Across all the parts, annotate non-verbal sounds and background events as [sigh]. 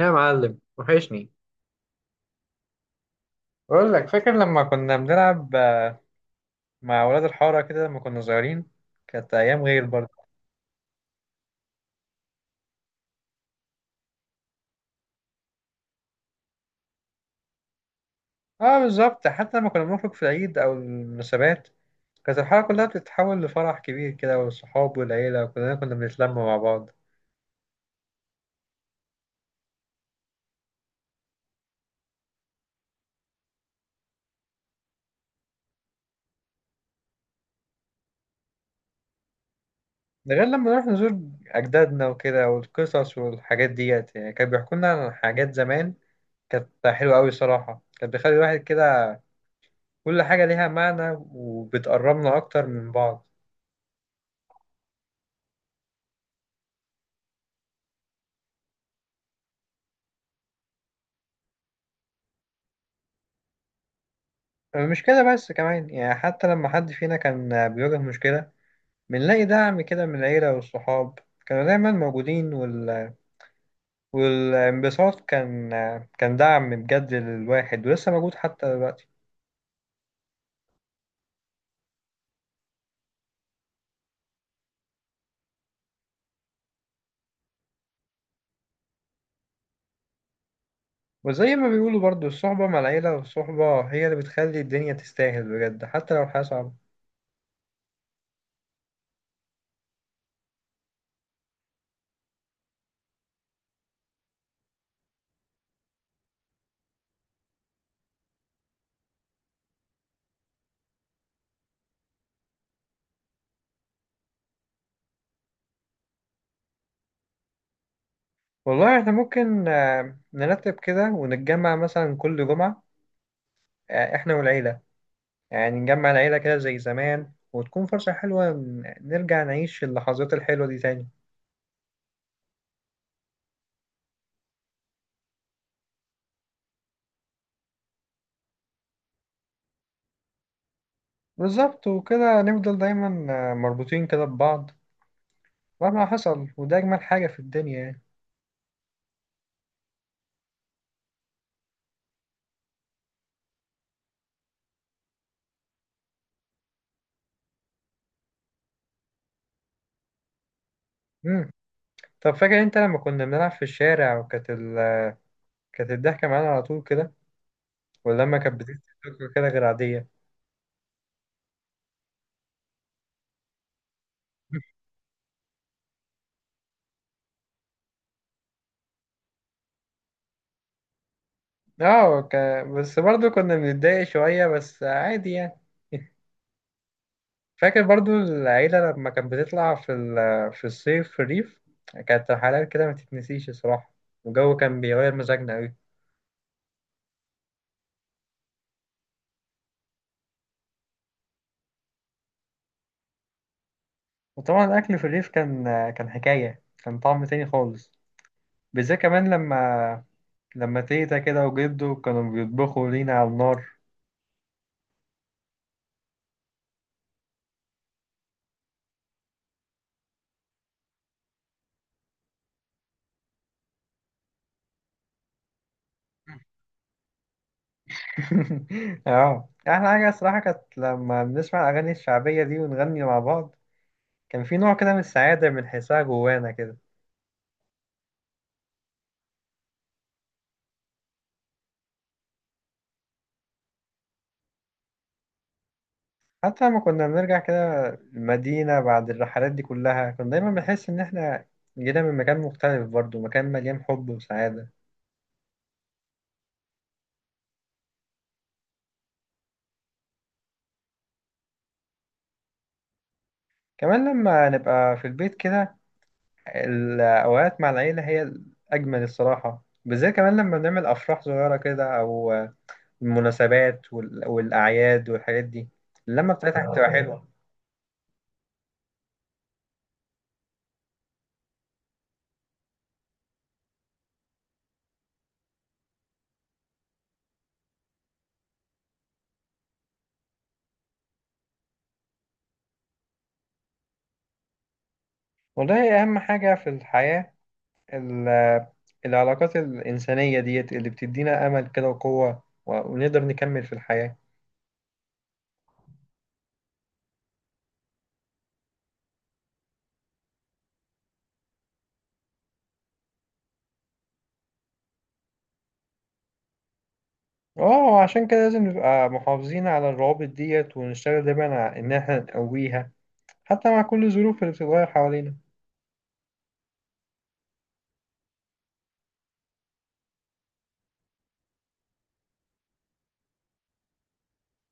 يا معلم، وحشني. بقول لك، فاكر لما كنا بنلعب مع ولاد الحارة كده لما كنا صغيرين؟ كانت أيام غير برضه. اه، بالظبط. حتى لما كنا بنخرج في العيد أو المناسبات، كانت الحارة كلها بتتحول لفرح كبير كده، والصحاب والعيلة وكلنا كنا بنتلم مع بعض. ده غير لما نروح نزور أجدادنا وكده، والقصص والحاجات ديت، يعني كانوا بيحكوا لنا عن حاجات زمان كانت حلوة أوي الصراحة. كانت بتخلي الواحد كده كل حاجة ليها معنى، وبتقربنا أكتر من بعض. مش كده بس، كمان يعني حتى لما حد فينا كان بيواجه مشكلة، بنلاقي دعم كده من العيلة والصحاب. كانوا دايما موجودين، والانبساط كان دعم بجد للواحد، ولسه موجود حتى دلوقتي. وزي ما بيقولوا برضو، الصحبة مع العيلة، والصحبة هي اللي بتخلي الدنيا تستاهل بجد، حتى لو الحياة صعبة. والله احنا ممكن نرتب كده ونتجمع مثلا كل جمعة. احنا والعيلة، يعني نجمع العيلة كده زي زمان، وتكون فرصة حلوة نرجع نعيش اللحظات الحلوة دي تاني. بالظبط. وكده نفضل دايما مربوطين كده ببعض مهما حصل، وده أجمل حاجة في الدنيا يعني. مم. طب فاكر أنت لما كنا بنلعب في الشارع، وكانت ال... كانت الضحكة معانا على طول كده، واللمة كانت بتضحك كده غير عادية؟ [laughs] اه. بس برضه كنا بنتضايق شوية، بس عادي يعني. فاكر برضو العيلة لما كانت بتطلع في الصيف في الريف؟ كانت رحلات كده ما تتنسيش الصراحة، والجو كان بيغير مزاجنا أوي. وطبعا الأكل في الريف كان حكاية، كان طعم تاني خالص، بالذات كمان لما تيتا كده وجدو كانوا بيطبخوا لينا على النار. [laughs] اه، أحلى حاجة الصراحة كانت لما بنسمع الأغاني الشعبية دي ونغني مع بعض. كان في نوع كده من السعادة بنحسها جوانا كده. حتى لما كنا بنرجع كده المدينة بعد الرحلات دي كلها، كنا دايما بنحس إن إحنا جينا من مكان مختلف برضو، مكان مليان حب وسعادة. كمان لما نبقى في البيت كده، الأوقات مع العيلة هي الأجمل الصراحة، بالذات كمان لما بنعمل أفراح صغيرة كده، أو المناسبات والأعياد والحاجات دي. اللمة بتاعتها بتبقى حلوة. والله أهم حاجة في الحياة ال- العلاقات الإنسانية ديت، اللي بتدينا أمل كده وقوة، ونقدر نكمل في الحياة. اه، عشان كده لازم نبقى محافظين على الروابط ديت، ونشتغل دايما على ان احنا نقويها، حتى مع كل الظروف اللي بتتغير حوالينا.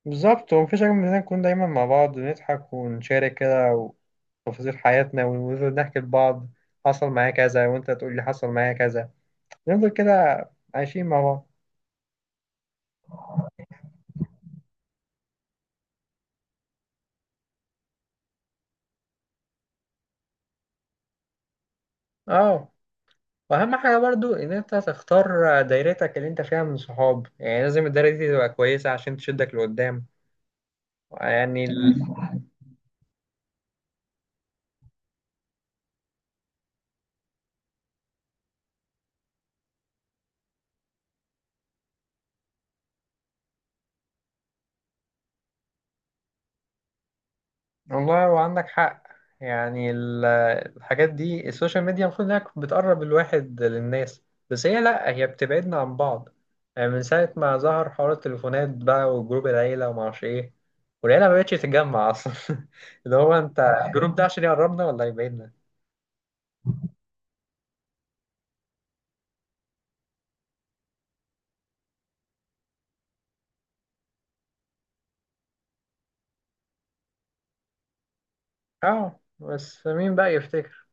بالظبط. ومفيش حاجة من إننا نكون دايما مع بعض، ونضحك، ونشارك كده تفاصيل حياتنا، ونفضل نحكي لبعض. حصل معايا كذا، وانت تقول لي حصل معايا كذا. نفضل كده عايشين مع بعض. اه، واهم حاجة برضو ان انت تختار دايرتك اللي انت فيها من صحاب، يعني لازم الدايرة دي تبقى كويسة عشان تشدك لقدام يعني. والله هو عندك حق، يعني الحاجات دي، السوشيال ميديا، المفروض انها بتقرب الواحد للناس، بس هي لا، هي بتبعدنا عن بعض. يعني من ساعة ما ظهر حوار التليفونات بقى، وجروب العيلة ومعرفش ايه، والعيلة ما بقتش تتجمع اصلا. [laughs] اللي هو انت، الجروب ده عشان يقربنا ولا يبعدنا؟ اه، بس مين بقى يفتكر؟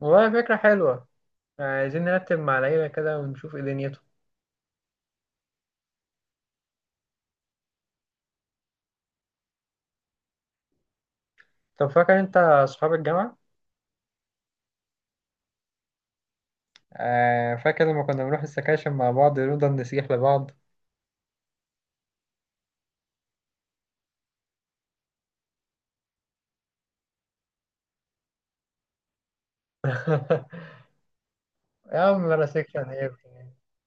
والله فكرة حلوة، يعني عايزين نرتب مع العيلة كده ونشوف ايه دنيته. طب فاكر انت اصحاب الجامعة؟ فاكر لما كنا بنروح السكاشن مع بعض، نفضل نسيح لبعض؟ [laughs] يا عم، انا سكشن ايه،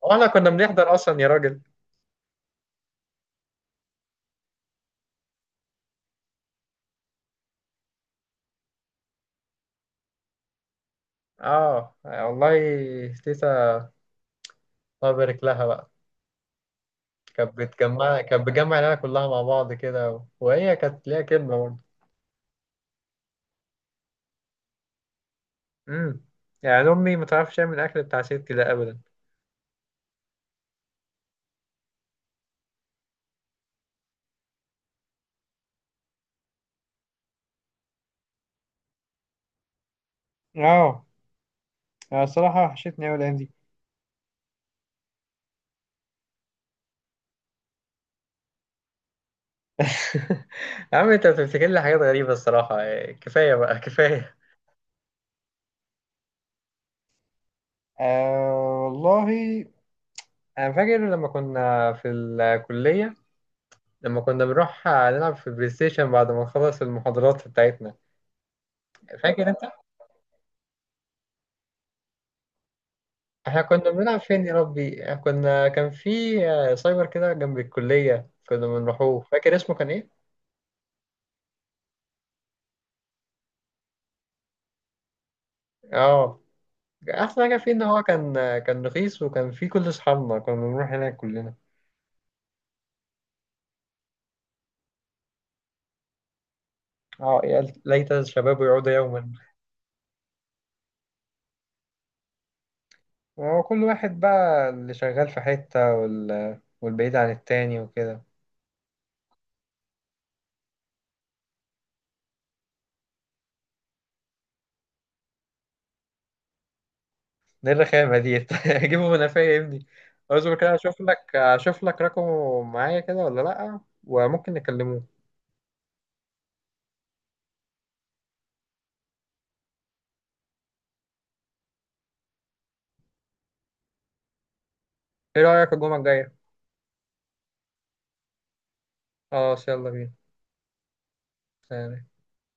واحنا كنا بنحضر اصلا يا راجل؟ اه والله، تيتا، الله يبارك لها بقى، كانت بتجمع العيله كلها مع بعض كده، وهي كانت ليها كلمه برضه. امم يعني امي ما تعرفش تعمل الاكل بتاع ستي ده ابدا. اه، أنا الصراحة وحشتني أوي الأيام دي. [laughs] يا عم، انت بتفتكر لي حاجات غريبه الصراحه، يعني كفايه بقى، كفايه. والله انا فاكر لما كنا في الكليه، لما كنا بنروح نلعب في البلاي ستيشن بعد ما نخلص المحاضرات بتاعتنا. فاكر انت احنا كنا بنلعب فين؟ يا ربي، إحنا كنا، كان في سايبر كده جنب الكلية كنا بنروحوه. فاكر اسمه كان ايه؟ اه، احسن حاجة فيه ان هو كان، كان رخيص، وكان فيه كل اصحابنا، كنا بنروح هناك كلنا. اه، يا ليت الشباب يعود يوما. وكل واحد بقى اللي شغال في حتة، والبعيد عن التاني وكده. ايه الرخامة دي؟ [laughs] اجيبه من قفايا يا ابني. اصبر كده، اشوف لك رقمه معايا كده ولا لأ، وممكن نكلموه. ايه رأيك الجمعة الجاية؟ خلاص، يلا بينا. سلام.